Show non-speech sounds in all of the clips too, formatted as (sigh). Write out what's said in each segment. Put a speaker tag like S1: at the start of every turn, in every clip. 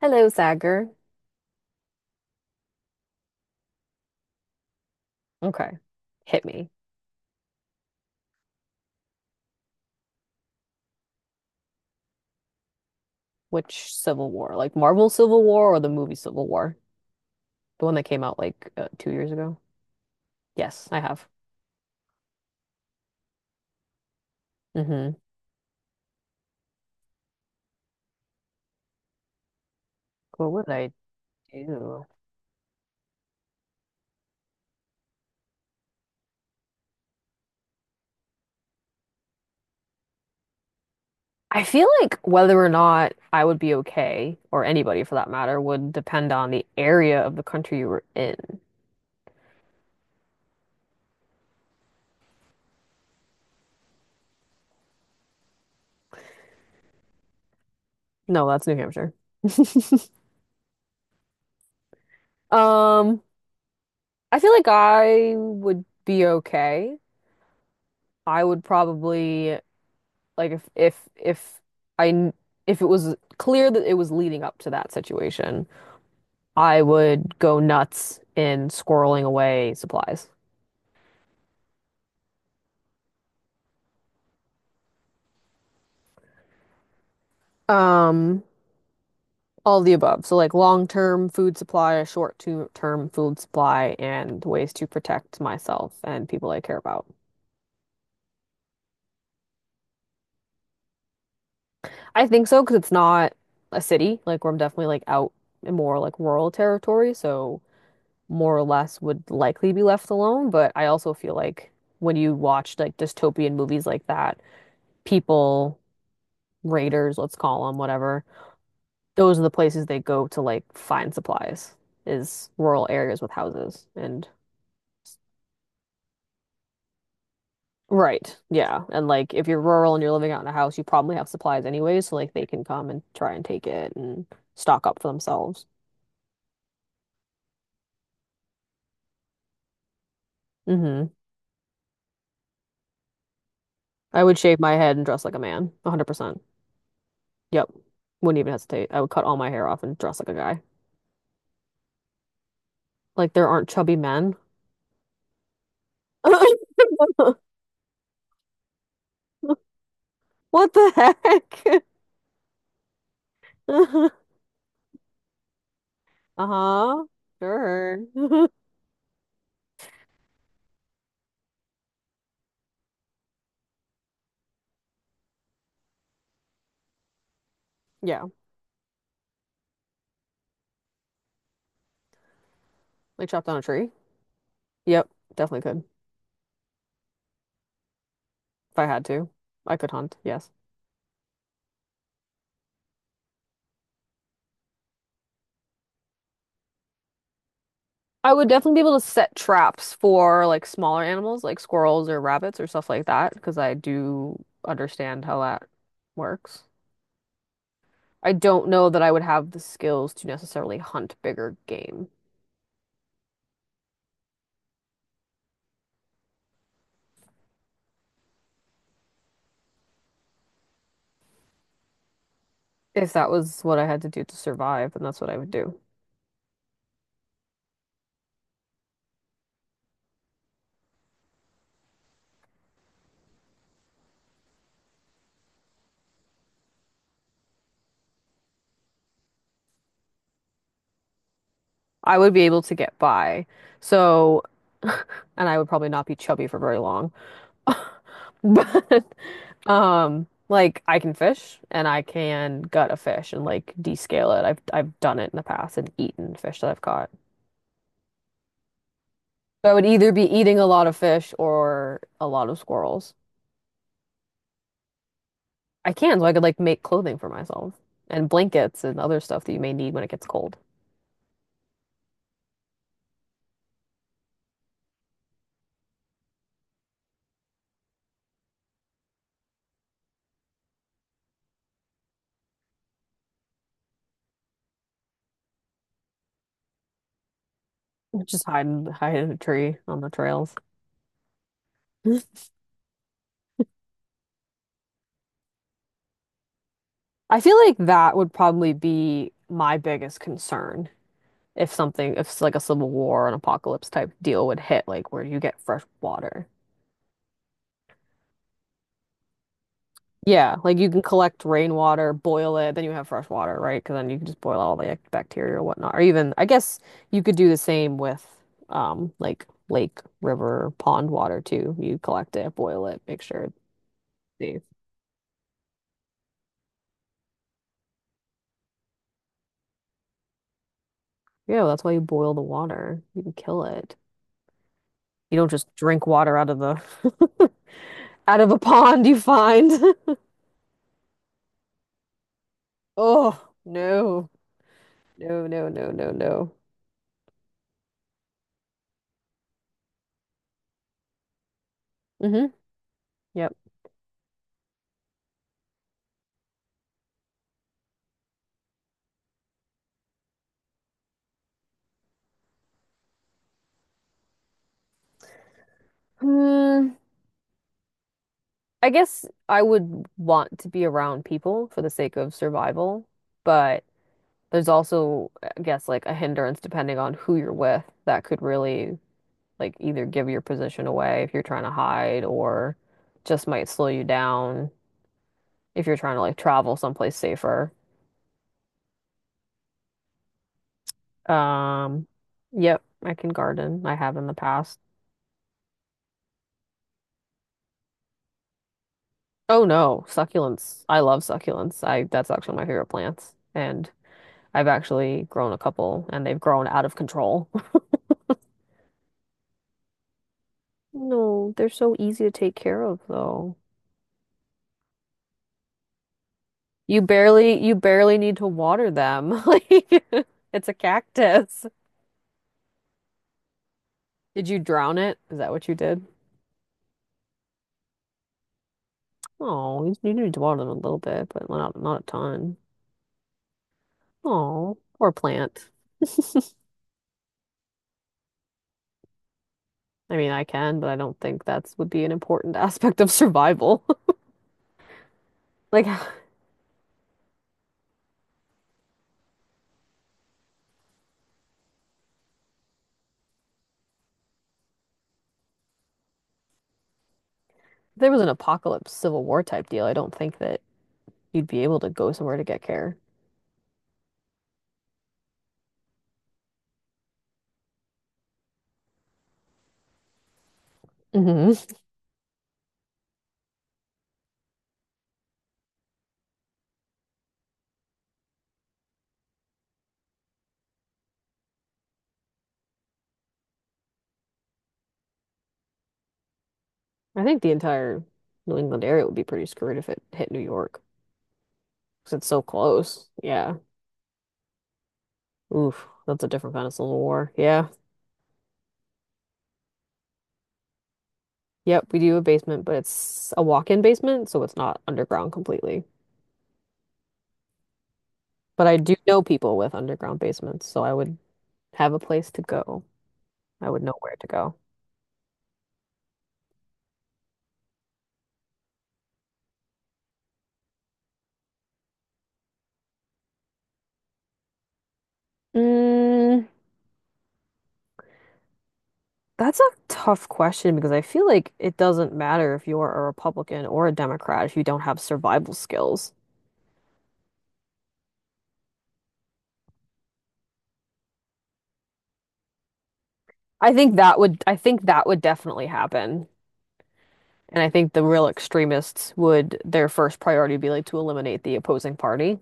S1: Hello, Sagar. Okay. Hit me. Which Civil War? Like Marvel Civil War or the movie Civil War? The one that came out like 2 years ago? Yes, I have. Mm-hmm. What would I do? I feel like whether or not I would be okay, or anybody for that matter, would depend on the area of the country you were in. No, that's New Hampshire. (laughs) Um, I feel like I would be okay. I would probably. Like if I kn- if it was clear that it was leading up to that situation, I would go nuts in squirreling away supplies. Um, all the above. So like long-term food supply, a short-term food supply, and ways to protect myself and people I care about. I think so because it's not a city. Like where I'm definitely like out in more like rural territory, so more or less would likely be left alone. But I also feel like when you watch like dystopian movies like that, people, raiders, let's call them, whatever, those are the places they go to like find supplies, is rural areas with houses. And right, yeah. And like if you're rural and you're living out in a house, you probably have supplies anyway, so like they can come and try and take it and stock up for themselves. Hmm. I would shave my head and dress like a man, 100%. Yep. Wouldn't even hesitate. I would cut all my hair off and dress like a guy. Like there aren't chubby men. (laughs) What the heck? (laughs) Uh-huh. Sure. (laughs) Yeah. Like chop down a tree. Yep, definitely could. If I had to. I could hunt, yes. I would definitely be able to set traps for like smaller animals like squirrels or rabbits or stuff like that because I do understand how that works. I don't know that I would have the skills to necessarily hunt bigger game. If that was what I had to do to survive, then that's what I would do. I would be able to get by. So, (laughs) and I would probably not be chubby for very long. (laughs) But like I can fish and I can gut a fish and like descale it. I've done it in the past and eaten fish that I've caught. So I would either be eating a lot of fish or a lot of squirrels. I can, so I could like make clothing for myself and blankets and other stuff that you may need when it gets cold. Just hide in a tree on the trails. (laughs) I feel like that would probably be my biggest concern if something, if like a civil war, an apocalypse type deal would hit, like where do you get fresh water? Yeah, like you can collect rainwater, boil it, then you have fresh water, right? Because then you can just boil all the like, bacteria or whatnot. Or even, I guess you could do the same with like lake, river, pond water too. You collect it, boil it, make sure it's safe. Yeah, that's why you boil the water. You can kill it. You don't just drink water out of the (laughs) out of a pond you find. (laughs) Oh, no. No, no, no, no, no. Mm-hmm. Yep. Hmm. I guess I would want to be around people for the sake of survival, but there's also, I guess, like a hindrance depending on who you're with that could really like either give your position away if you're trying to hide or just might slow you down if you're trying to like travel someplace safer. Um, yep, I can garden. I have in the past. Oh no, succulents. I love succulents. I that's actually my favorite plants. And I've actually grown a couple and they've grown out of control. No, they're so easy to take care of though. You barely need to water them. (laughs) Like it's a cactus. Did you drown it? Is that what you did? Oh, you need to water them a little bit, but not not a ton. Oh, or plant. I mean, I can, but I don't think that's would be an important (laughs) aspect of survival. (laughs) Like (sighs) if there was an apocalypse Civil War type deal, I don't think that you'd be able to go somewhere to get care. Hmm. I think the entire New England area would be pretty screwed if it hit New York. 'Cause it's so close. Yeah. Oof, that's a different kind of Civil War. Yeah. Yep, we do a basement, but it's a walk-in basement, so it's not underground completely. But I do know people with underground basements, so I would have a place to go. I would know where to go. Mm, that's a tough question because I feel like it doesn't matter if you're a Republican or a Democrat if you don't have survival skills. I think that would definitely happen. And I think the real extremists would, their first priority would be like to eliminate the opposing party,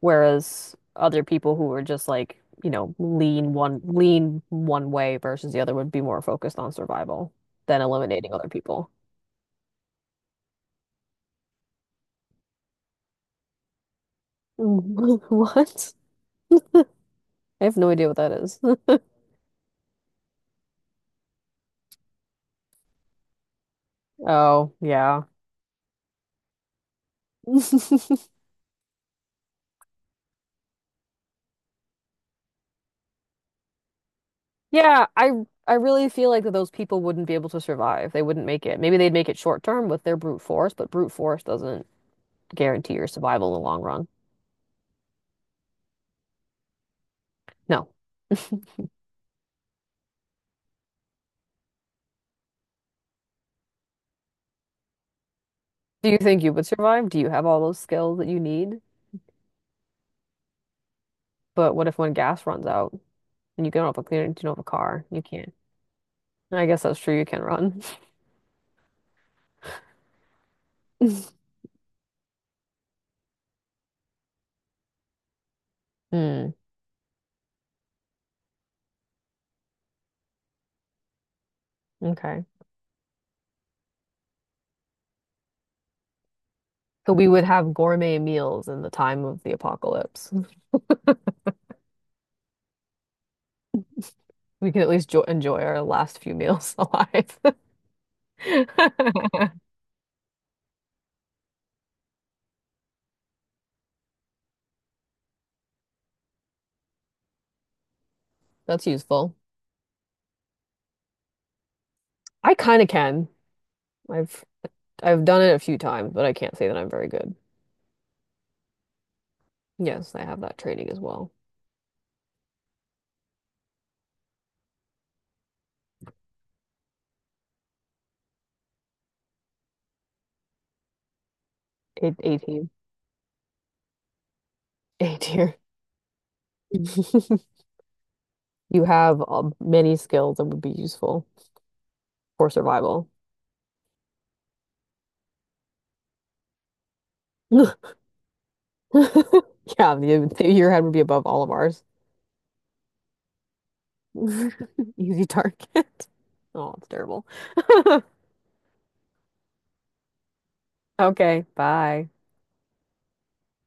S1: whereas other people who are just like, you know, lean one way versus the other would be more focused on survival than eliminating other people. (laughs) What? I have no idea what that is. (laughs) Oh, yeah. (laughs) Yeah, I really feel like that those people wouldn't be able to survive. They wouldn't make it. Maybe they'd make it short term with their brute force, but brute force doesn't guarantee your survival in the long run. No. (laughs) Do you think you would survive? Do you have all those skills that you need? But what if when gas runs out and you don't have a cleaner, you don't have a car? You can't. I guess that's true. You can run. (laughs) Hmm. Okay. So we would have gourmet meals in the time of the apocalypse. (laughs) We can at least jo enjoy our last few meals (laughs) alive. (laughs) That's useful. I kind of can. I've I've done it a few times, but I can't say that I'm very good. Yes, I have that training as well. A team. A tier. (laughs) You have many skills that would be useful for survival. (laughs) Yeah, the- your head would be above all of ours. (laughs) Easy target. (laughs) Oh, it's terrible. (laughs) Okay, bye.